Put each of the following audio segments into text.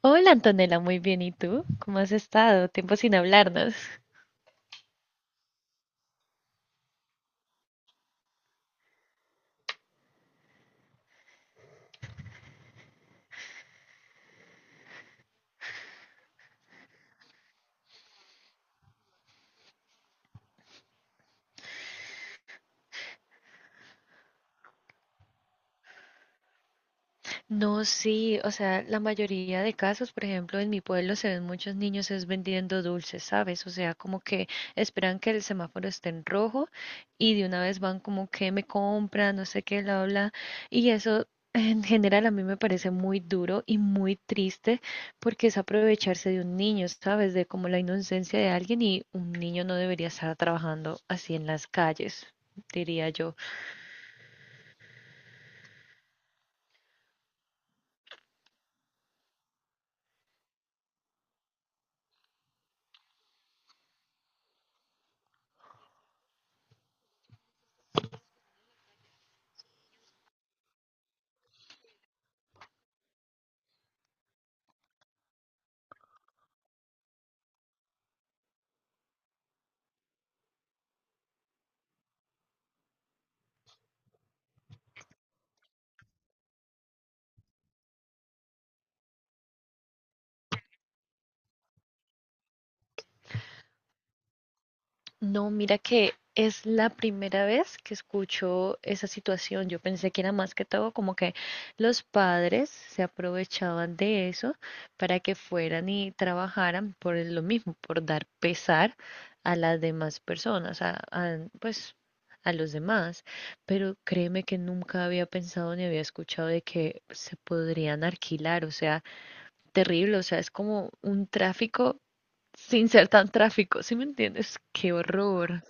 Hola Antonella, muy bien. ¿Y tú? ¿Cómo has estado? Tiempo sin hablarnos. No, sí, o sea, la mayoría de casos, por ejemplo, en mi pueblo se ven muchos niños es vendiendo dulces, ¿sabes? O sea, como que esperan que el semáforo esté en rojo y de una vez van como que me compran, no sé qué, bla, bla. Y eso en general a mí me parece muy duro y muy triste porque es aprovecharse de un niño, ¿sabes? De como la inocencia de alguien y un niño no debería estar trabajando así en las calles, diría yo. No, mira que es la primera vez que escucho esa situación. Yo pensé que era más que todo como que los padres se aprovechaban de eso para que fueran y trabajaran por lo mismo, por dar pesar a las demás personas, pues a los demás. Pero créeme que nunca había pensado ni había escuchado de que se podrían alquilar. O sea, terrible. O sea, es como un tráfico sin ser tan tráfico. ¿Sí me entiendes? Qué horror.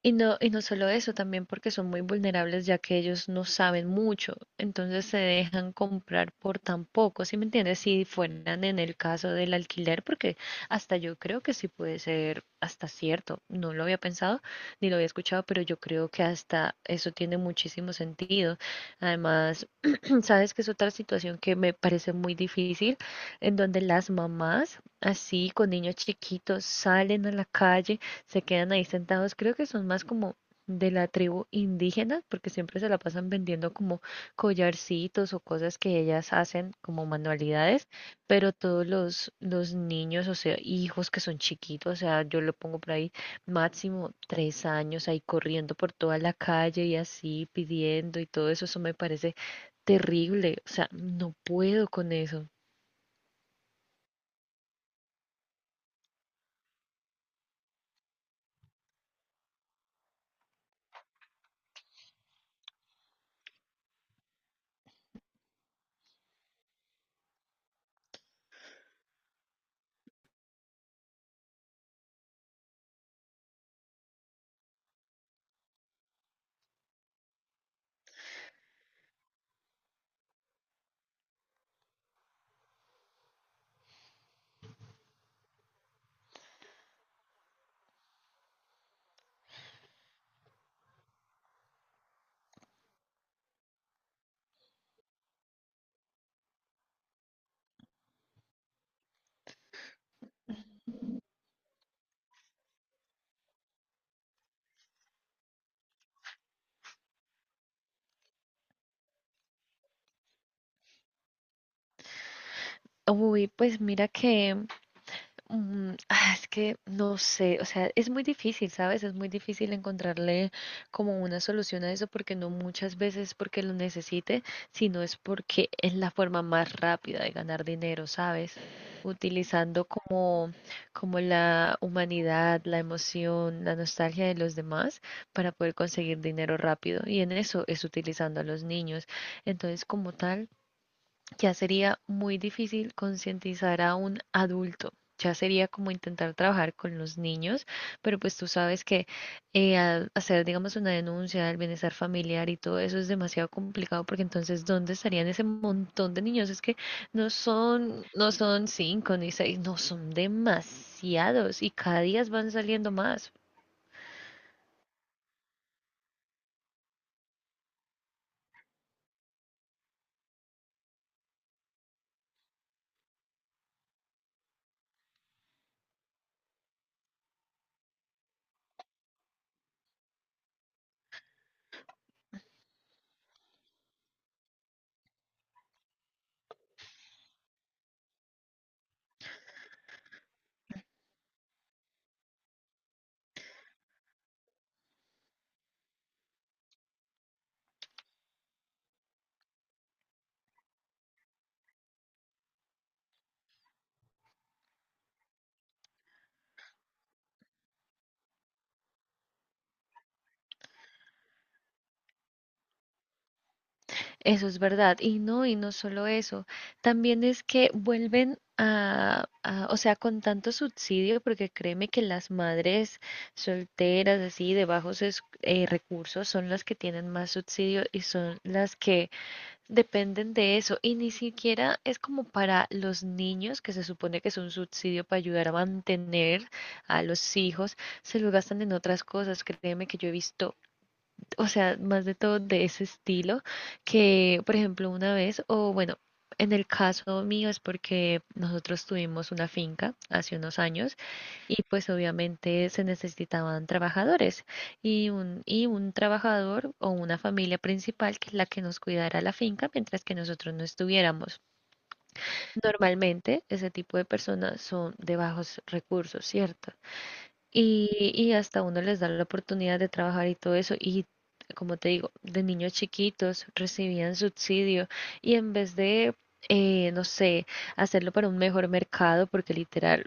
Y no solo eso, también porque son muy vulnerables ya que ellos no saben mucho, entonces se dejan comprar por tan poco, ¿sí me entiendes? Si fueran en el caso del alquiler, porque hasta yo creo que sí puede ser hasta cierto, no lo había pensado ni lo había escuchado, pero yo creo que hasta eso tiene muchísimo sentido. Además, sabes que es otra situación que me parece muy difícil, en donde las mamás, así con niños chiquitos, salen a la calle, se quedan ahí sentados. Creo que son más como de la tribu indígena, porque siempre se la pasan vendiendo como collarcitos o cosas que ellas hacen como manualidades, pero todos los niños, o sea, hijos que son chiquitos, o sea, yo lo pongo por ahí máximo 3 años ahí corriendo por toda la calle y así pidiendo y todo eso, eso me parece terrible, o sea, no puedo con eso. Uy, pues mira que es que no sé, o sea, es muy difícil, ¿sabes? Es muy difícil encontrarle como una solución a eso porque no muchas veces porque lo necesite, sino es porque es la forma más rápida de ganar dinero, ¿sabes? Utilizando como la humanidad, la emoción, la nostalgia de los demás para poder conseguir dinero rápido. Y en eso es utilizando a los niños. Entonces, como tal... Ya sería muy difícil concientizar a un adulto. Ya sería como intentar trabajar con los niños, pero pues tú sabes que al hacer, digamos, una denuncia del bienestar familiar y todo eso es demasiado complicado porque entonces, ¿dónde estarían ese montón de niños? Es que no son, no son cinco ni seis, no son demasiados y cada día van saliendo más. Eso es verdad. Y no solo eso, también es que vuelven o sea, con tanto subsidio, porque créeme que las madres solteras, así, de bajos recursos, son las que tienen más subsidio y son las que dependen de eso. Y ni siquiera es como para los niños, que se supone que es un subsidio para ayudar a mantener a los hijos, se lo gastan en otras cosas. Créeme que yo he visto, o sea, más de todo de ese estilo, que por ejemplo una vez, o bueno, en el caso mío es porque nosotros tuvimos una finca hace unos años y pues obviamente se necesitaban trabajadores y un trabajador o una familia principal que es la que nos cuidara la finca mientras que nosotros no estuviéramos. Normalmente ese tipo de personas son de bajos recursos, ¿cierto? Y hasta uno les da la oportunidad de trabajar y todo eso. Y como te digo, de niños chiquitos recibían subsidio y en vez de, no sé, hacerlo para un mejor mercado, porque literal,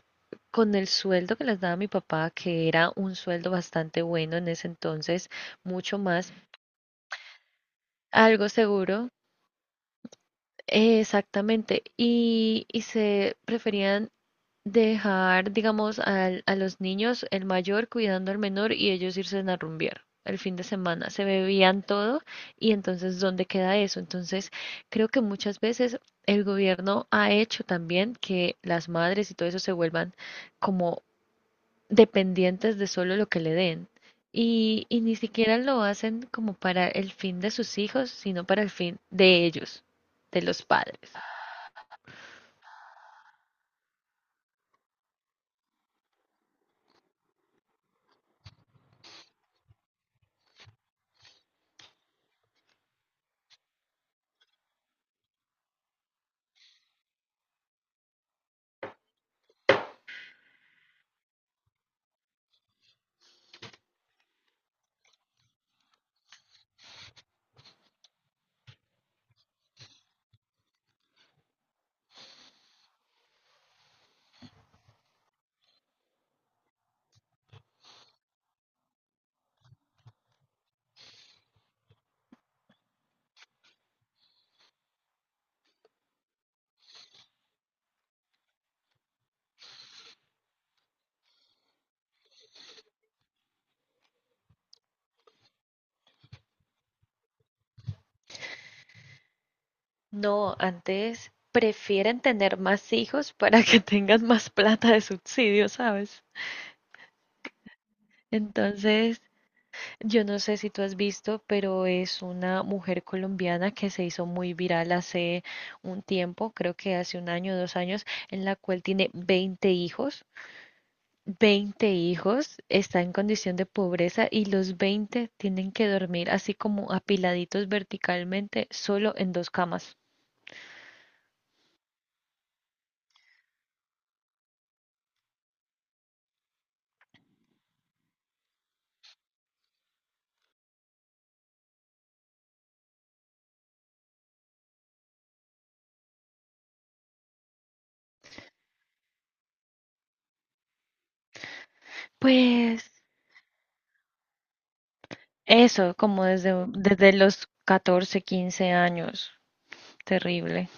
con el sueldo que les daba mi papá, que era un sueldo bastante bueno en ese entonces, mucho más, algo seguro, exactamente, y se preferían dejar, digamos, a los niños, el mayor cuidando al menor y ellos irse a rumbear el fin de semana. Se bebían todo y entonces, ¿dónde queda eso? Entonces, creo que muchas veces el gobierno ha hecho también que las madres y todo eso se vuelvan como dependientes de solo lo que le den. Y ni siquiera lo hacen como para el fin de sus hijos, sino para el fin de ellos, de los padres. No, antes prefieren tener más hijos para que tengan más plata de subsidio, ¿sabes? Entonces, yo no sé si tú has visto, pero es una mujer colombiana que se hizo muy viral hace un tiempo, creo que hace un año, dos años, en la cual tiene 20 hijos. 20 hijos, está en condición de pobreza y los 20 tienen que dormir así como apiladitos verticalmente, solo en dos camas. Pues eso, como desde los 14, 15 años, terrible.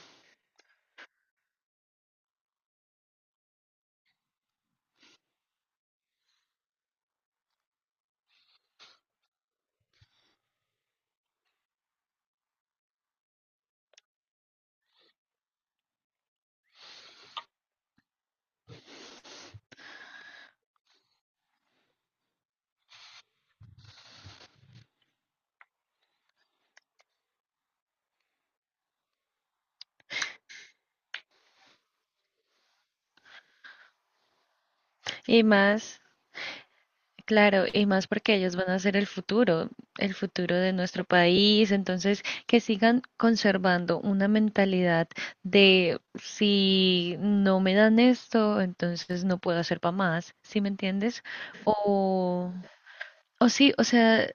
Y más, claro, y más porque ellos van a ser el futuro de nuestro país. Entonces, que sigan conservando una mentalidad de si no me dan esto, entonces no puedo hacer para más, ¿sí me entiendes? O O sí, o sea,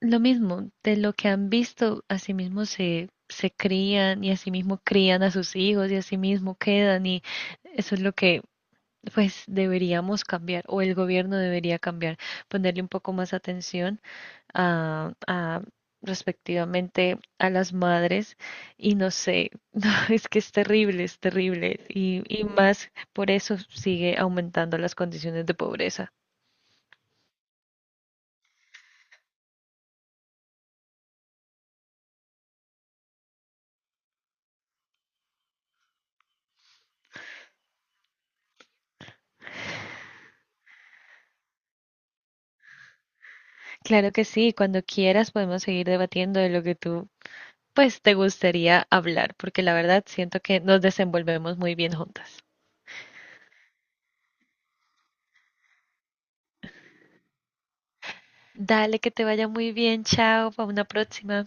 lo mismo, de lo que han visto, así mismo se crían y así mismo crían a sus hijos y así mismo quedan y eso es lo que pues deberíamos cambiar o el gobierno debería cambiar, ponerle un poco más atención a respectivamente a las madres y no sé, no, es que es terrible y más por eso sigue aumentando las condiciones de pobreza. Claro que sí, cuando quieras podemos seguir debatiendo de lo que tú, pues, te gustaría hablar, porque la verdad siento que nos desenvolvemos muy bien juntas. Dale, que te vaya muy bien, chao, para una próxima.